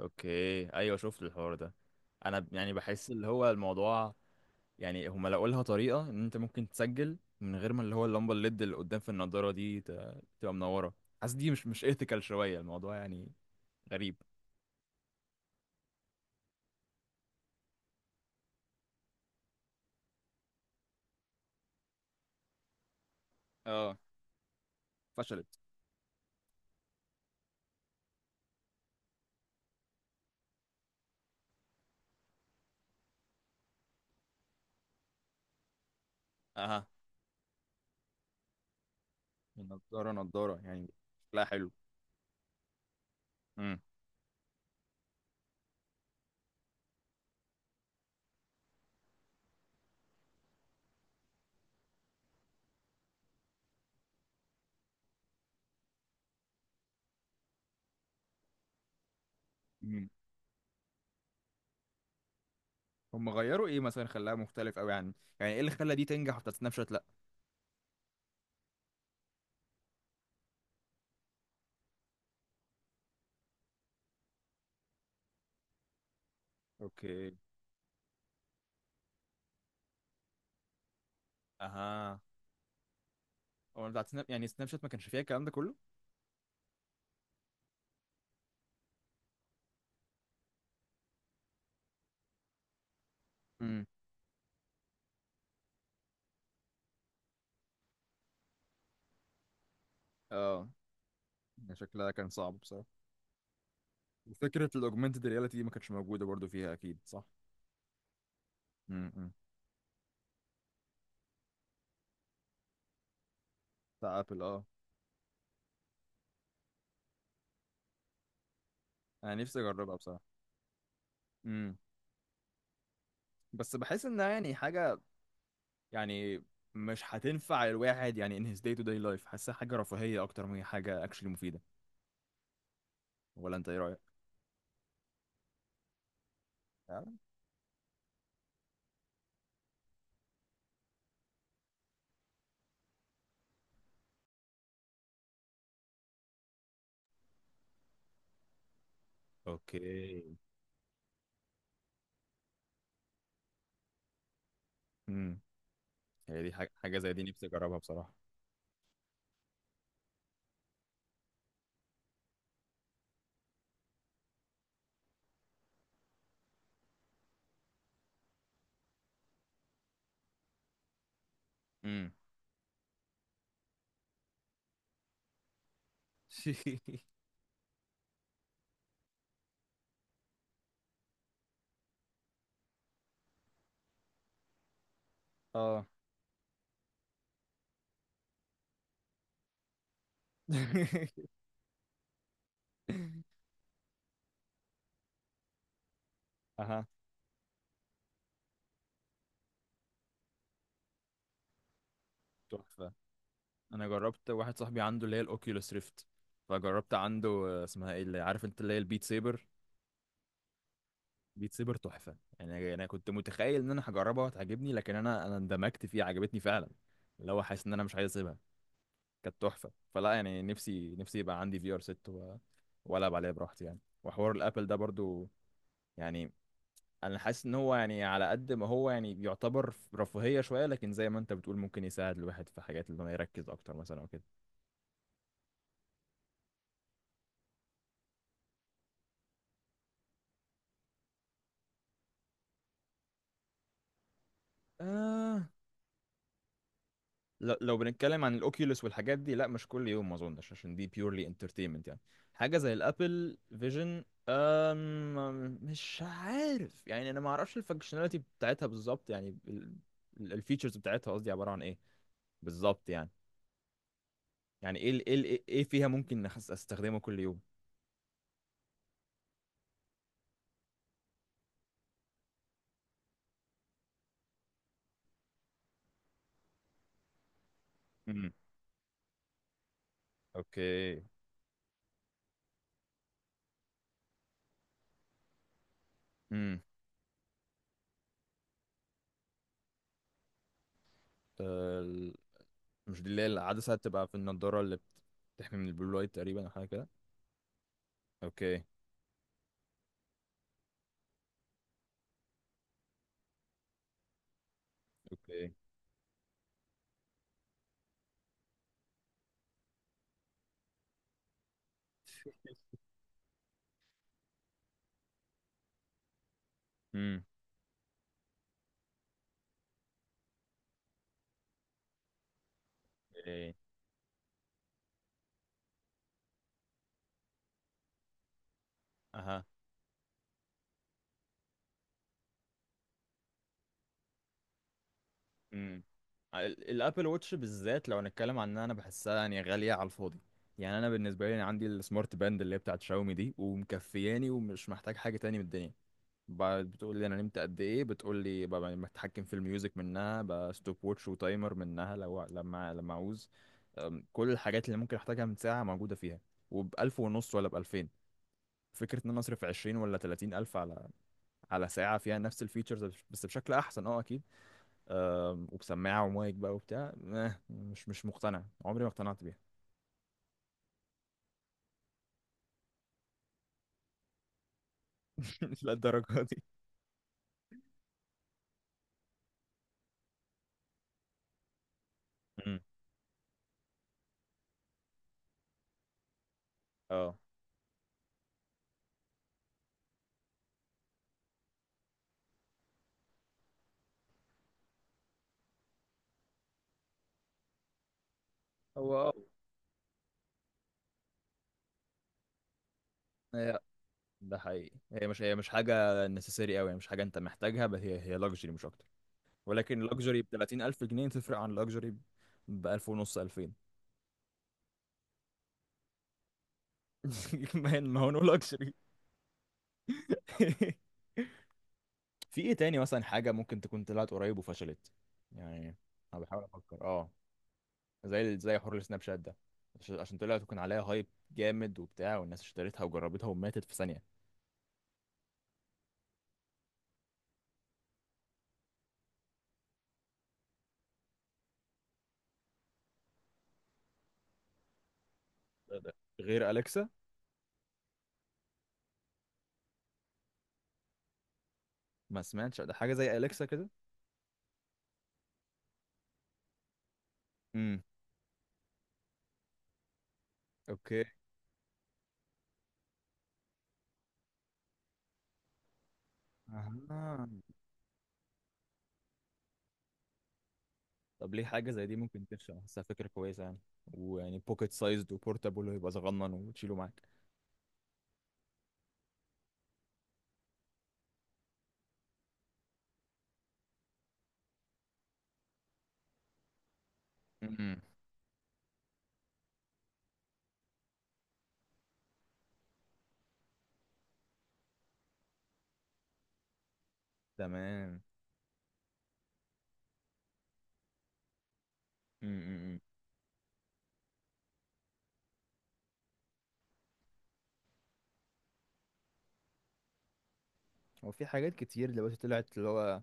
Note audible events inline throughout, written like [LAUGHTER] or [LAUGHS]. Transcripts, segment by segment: اوكي، ايوه، شفت الحوار ده. انا يعني بحس اللي هو الموضوع. يعني هما لقوا لها طريقه ان انت ممكن تسجل من غير ما اللي هو اللمبه الليد اللي قدام في النضاره دي تبقى منوره. حاسس دي مش ايثيكال شويه الموضوع، يعني غريب. اه، فشلت. اها. النضاره نضاره يعني. شكلها حلو. امم. امم. هم غيروا ايه مثلا؟ خلاها مختلف قوي عن، يعني ايه اللي خلى دي تنجح وبتاعت سناب شات لا؟ اوكي. اها. هو بتاعت سناب، يعني سناب شات، ما كانش فيها الكلام ده كله؟ امم. اه. ده شكلها كان صعب بصراحه. وفكره الاوجمانتد رياليتي دي ما كانتش موجوده برضو فيها اكيد، صح؟ امم. بتاع ابل، اه. انا نفسي اجربها بصراحه. امم. بس بحس انها يعني حاجه، يعني مش هتنفع الواحد يعني in his day to day life. حاسها حاجه رفاهيه اكتر ما هي حاجه اكشلي مفيده. ولا انت ايه رايك؟ فعلا؟ اوكي. امم. هي دي حاجه زي دي نفسي اجربها بصراحه. امم. [LAUGHS] اه. [LAUGHS] اها. تحفه. انا جربت واحد صاحبي عنده اللي هي الاوكيولوس ريفت. فجربت عنده اسمها ايه اللي عارف انت، اللي هي البيت سيبر. بيت سيبر تحفه. يعني انا كنت متخيل ان انا هجربها وهتعجبني، لكن انا اندمجت فيها، عجبتني فعلا، اللي هو حاسس ان انا مش عايز اسيبها. كانت تحفه فلا. يعني نفسي يبقى عندي في ار 6، والعب عليها براحتي يعني. وحوار الابل ده برضو، يعني انا حاسس ان هو يعني على قد ما هو يعني يعتبر رفاهيه شويه، لكن زي ما انت بتقول ممكن يساعد الواحد في حاجات اللي هو يركز اكتر مثلا او كده. آه. لو بنتكلم عن الاوكيوليس والحاجات دي لا، مش كل يوم ما اظنش، عشان دي بيورلي انترتينمنت يعني. حاجه زي الابل فيجن، أم، مش عارف يعني. انا ما اعرفش الفانكشناليتي بتاعتها بالظبط يعني، الفيتشرز بتاعتها قصدي، عباره عن ايه بالظبط يعني؟ يعني ايه إيه فيها ممكن استخدمه كل يوم؟ امم. اوكي. امم. ال- مش دي اللي هي العدسه بتبقى في النضاره اللي بتحمي من البلو لايت تقريبا او حاجه كده؟ اوكي. اوكي. امم. إيه. اها. امم. الابل ووتش بالذات، لو هنتكلم عن ان انا بحسها يعني غاليه على الفاضي. يعني انا بالنسبه لي، أنا عندي السمارت باند اللي هي بتاعت شاومي دي ومكفياني ومش محتاج حاجه تاني من الدنيا. بعد بتقول لي انا نمت قد ايه، بتقول لي ببقى بتحكم في الميوزك منها، ستوب ووتش وتايمر منها، لو لما اعوز. أم، كل الحاجات اللي ممكن احتاجها من ساعه موجوده فيها، وبألف ونص ولا بألفين. فكرة ان انا اصرف عشرين ولا تلاتين ألف على على ساعة فيها نفس الفيتشرز، بس بشكل أحسن، اه أكيد. وبسماعه ومايك بقى وبتاع، مش مقتنع، عمري ما اقتنعت بيها. [LAUGHS] مش للدرجة دي. مم. اه. هو، اه. هي، ده حقيقي. هي مش حاجه نسيسري قوي، مش حاجه انت محتاجها، بس هي لاكجري مش اكتر. ولكن لاكجري ب 30,000 جنيه تفرق عن لاكجري ب 1000 ونص 2000. [LAUGHS] ما هو نو لاكجري. [LAUGHS] في ايه تاني مثلا حاجه ممكن تكون طلعت قريب وفشلت؟ يعني، انا بحاول افكر. اه، زي حوار السناب شات ده. عشان طلع تكون عليها هايب جامد وبتاع، والناس اشتريتها وجربتها وماتت في ثانية. ده غير أليكسا. ما سمعتش، ده حاجة زي أليكسا كده؟ امم. اوكي. اها. طب ليه حاجة زي دي ممكن تنفع؟ بحسها فكرة كويسة يعني، ويعني بوكيت سايزد وبورتابل، ويبقى صغنن وتشيله معاك. امم. تمام. امم. هو في حاجات كتير دلوقتي طلعت اللي هو،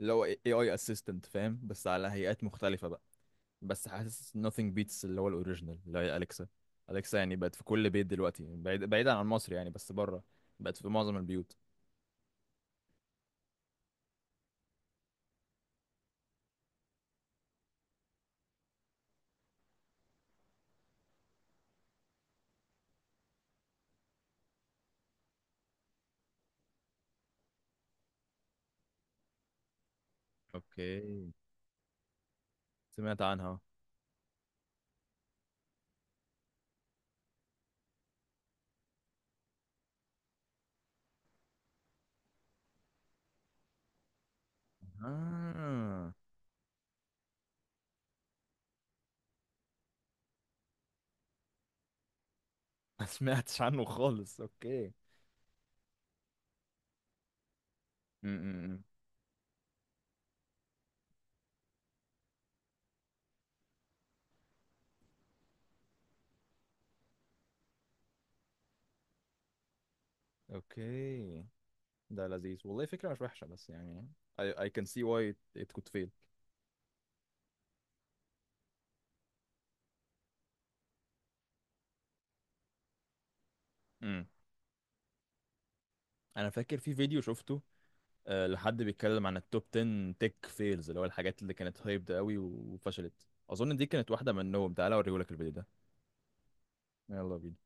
اللي هو اي اي اسيستنت فاهم، بس على هيئات مختلفة بقى. بس حاسس nothing beats اللي هو الاوريجينال، اللي هي اليكسا. اليكسا يعني بقت في كل بيت دلوقتي، بعيد، بعيدا عن مصر يعني بس بره، بقت في معظم البيوت. اوكي. سمعت عنها. آه. ما سمعتش عنه خالص. اوكي. م -م -م. اوكي. ده لذيذ والله، فكرة مش وحشة، بس يعني I can see why it could fail. م. انا فاكر في فيديو شفته، آه، لحد بيتكلم عن التوب 10 تك فيلز، اللي هو الحاجات اللي كانت هايبد قوي وفشلت. اظن دي كانت واحدة منهم، تعالى اوريهولك الفيديو ده. يلا بينا.